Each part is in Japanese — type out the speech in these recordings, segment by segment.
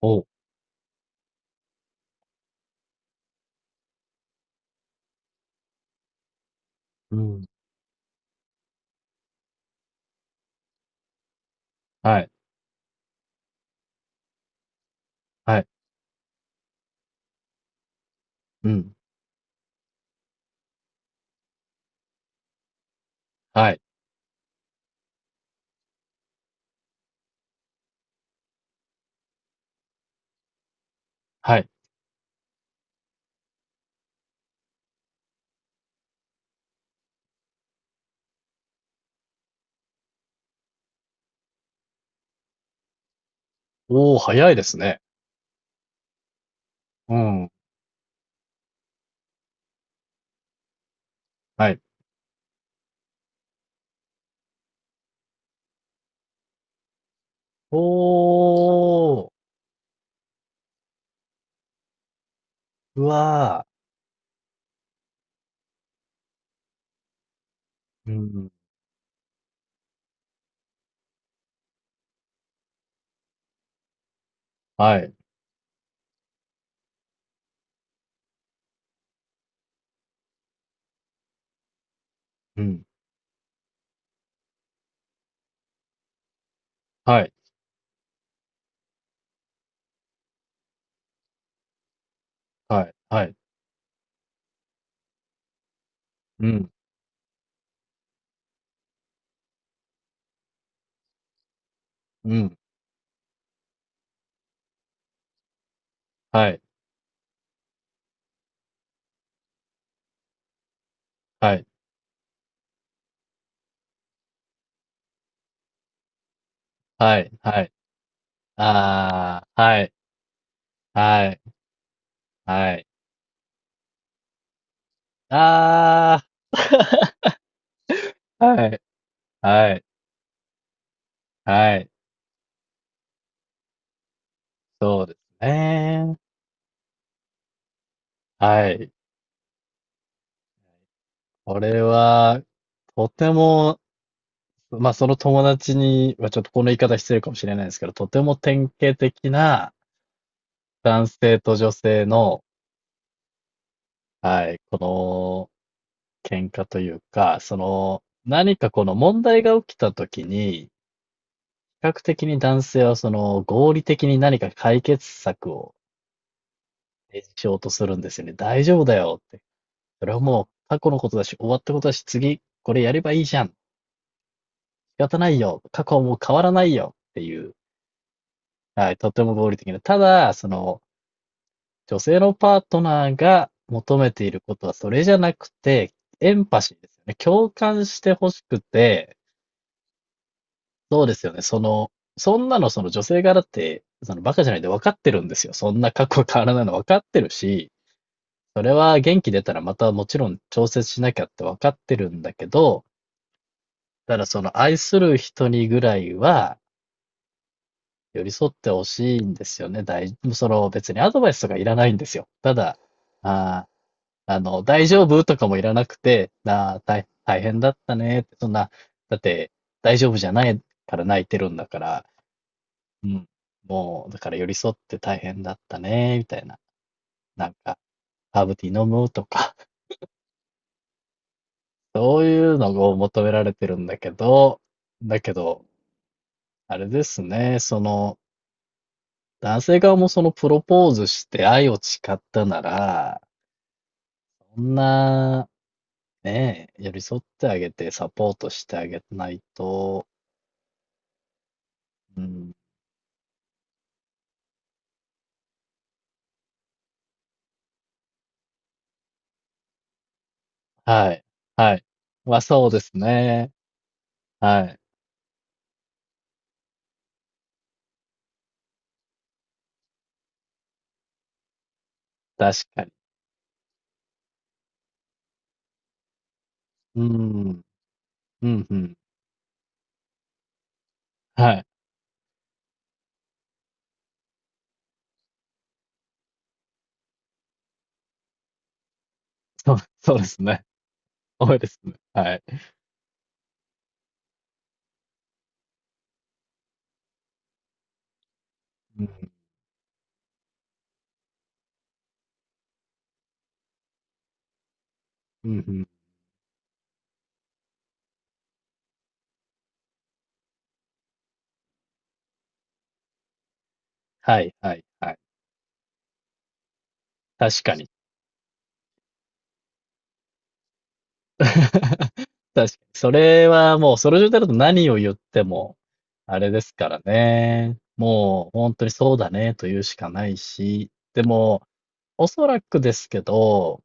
おう、うん、はい、はい、うん、はい、はい。おお、早いですね。うん、はい。おー、うわー、うん、はい、うん、はい、はい、はい、うん、うん、はい、はい、はい、はい、あー、はい、はい、はい、あー、はい、はい、はい、そうですね。はい。これは、とてもまあ、その友達にはちょっとこの言い方失礼かもしれないですけど、とても典型的な男性と女性の、はい、この喧嘩というか、その何かこの問題が起きた時に、比較的に男性はその合理的に何か解決策を提示しようとするんですよね。大丈夫だよって。それはもう過去のことだし、終わったことだし、次これやればいいじゃん。仕方ないよ。過去はもう変わらないよっていう、はい、とても合理的な。ただ、その、女性のパートナーが求めていることはそれじゃなくて、エンパシーですよね。共感してほしくて、そうですよね。その、そんなのその女性側だって、そのバカじゃないで分かってるんですよ。そんな過去変わらないの分かってるし、それは元気出たらまたもちろん調節しなきゃって分かってるんだけど、ただその愛する人にぐらいは寄り添ってほしいんですよね。その別にアドバイスとかいらないんですよ。ただ、あー、あの、大丈夫とかもいらなくて、なあ、大、大変だったねって、そんな、だって、大丈夫じゃないから泣いてるんだから、うん、もう、だから寄り添って大変だったね、みたいな。なんか、ハーブティー飲むとか、そういうのを求められてるんだけど、だけど、あれですね、その、男性側もそのプロポーズして愛を誓ったなら、そんな、ねえ、寄り添ってあげてサポートしてあげないと。うん、はい。はい。まあ、そうですね。はい。確かに。うーん。うん、うん。はい。そうそうですね。多いですね。はい。うん。うんうん。はいはいはい。確かに。確かに。それはもう、その状態だと何を言っても、あれですからね。もう、本当にそうだねと言うしかないし、でも、おそらくですけど、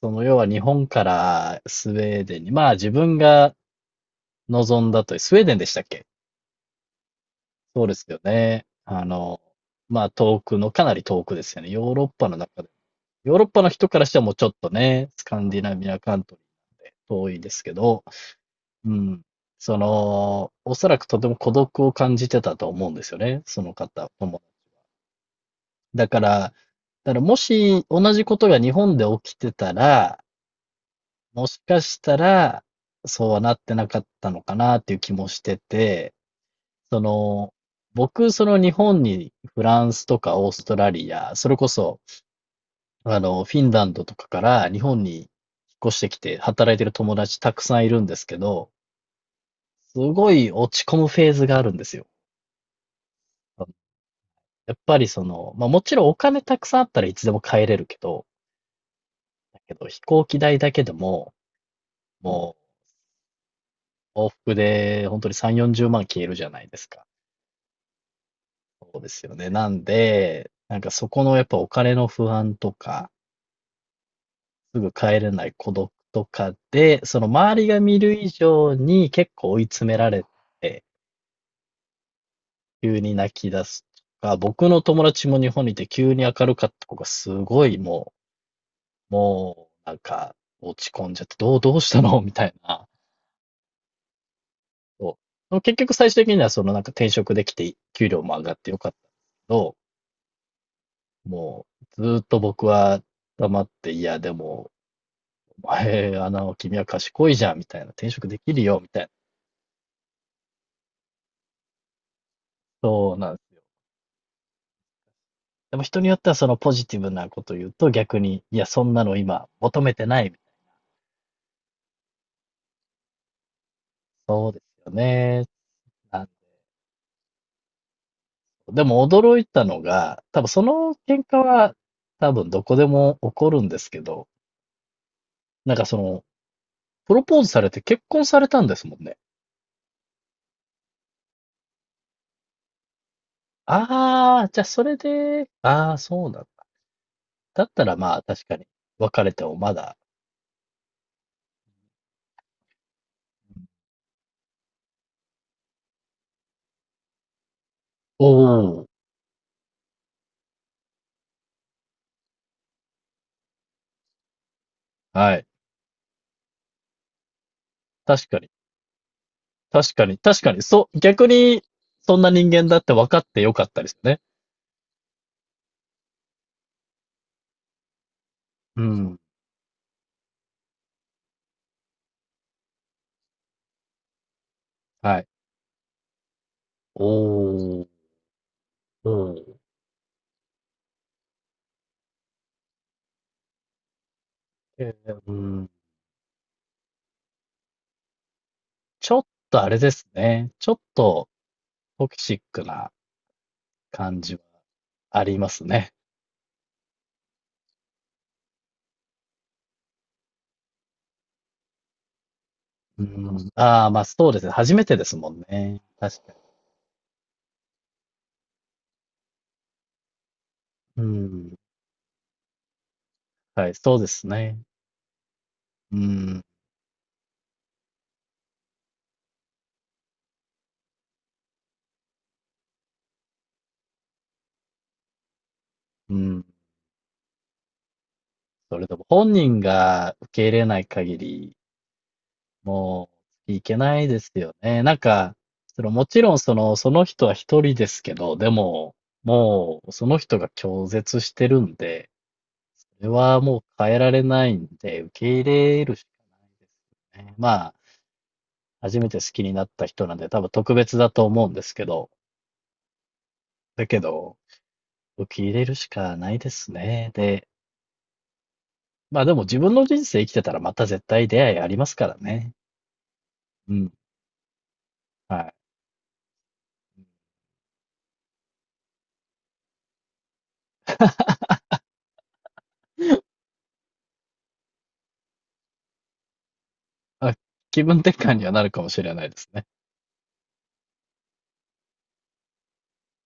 その要は日本からスウェーデンに、まあ自分が望んだという、スウェーデンでしたっけ？そうですよね。あの、まあ遠くの、かなり遠くですよね。ヨーロッパの中で。ヨーロッパの人からしてはもうちょっとね、スカンディナビアカントリーなんで遠いですけど、うん。その、おそらくとても孤独を感じてたと思うんですよね。その方も。だから、だからもし同じことが日本で起きてたら、もしかしたら、そうはなってなかったのかなっていう気もしてて、その、僕、その日本にフランスとかオーストラリア、それこそ、あの、フィンランドとかから日本に引っ越してきて働いてる友達たくさんいるんですけど、すごい落ち込むフェーズがあるんですよ。やっぱりその、まあもちろんお金たくさんあったらいつでも帰れるけど、だけど飛行機代だけでも、もう往復で本当に3、40万消えるじゃないですか。そうですよね。なんで、なんかそこのやっぱお金の不安とか、すぐ帰れない孤独とかで、その周りが見る以上に結構追い詰められて、急に泣き出すとか、僕の友達も日本にいて急に明るかった子がすごいもうなんか落ち込んじゃって、どうしたのみたいな。そう結局最終的にはそのなんか転職できて給料も上がってよかったんですけど、もうずーっと僕は黙って、いやでも、お前、あの、君は賢いじゃん、みたいな、転職できるよ、みたいな。そうなんですよ。でも人によってはそのポジティブなこと言うと逆に、いや、そんなの今求めてないみたいな。そうですよね。あの、でも驚いたのが、多分その喧嘩は多分どこでも起こるんですけど、なんかその、プロポーズされて結婚されたんですもんね。ああ、じゃあそれで、ああ、そうなんだ。だったらまあ確かに別れてもまだ、おお、はい。確かに、確かに、確かに、そう、逆にそんな人間だって分かってよかったですね。うん。はい。おお、うん。えー、うん。ちょっとあれですね。ちょっとトキシックな感じはありますね。うん。ああ、ま、そうですね。初めてですもんね。確かに。うん。はい、そうですね。うん、うん。それでも本人が受け入れない限り、もういけないですよね。なんか、その、もちろんその、その人は一人ですけど、でも、もうその人が拒絶してるんで、それはもう変えられないんで、受け入れるしかないですね。まあ、初めて好きになった人なんで、多分特別だと思うんですけど、だけど、受け入れるしかないですね。で、まあでも自分の人生生きてたらまた絶対出会いありますからね。うん。はい。まあ、気分転換にはなるかもしれないですね。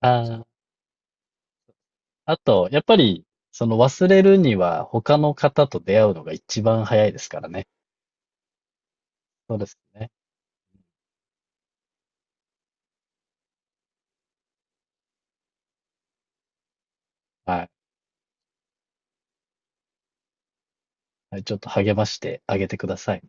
ああ、あと、やっぱり、その忘れるには他の方と出会うのが一番早いですからね。そうですね。はい。はい、ちょっと励ましてあげてください。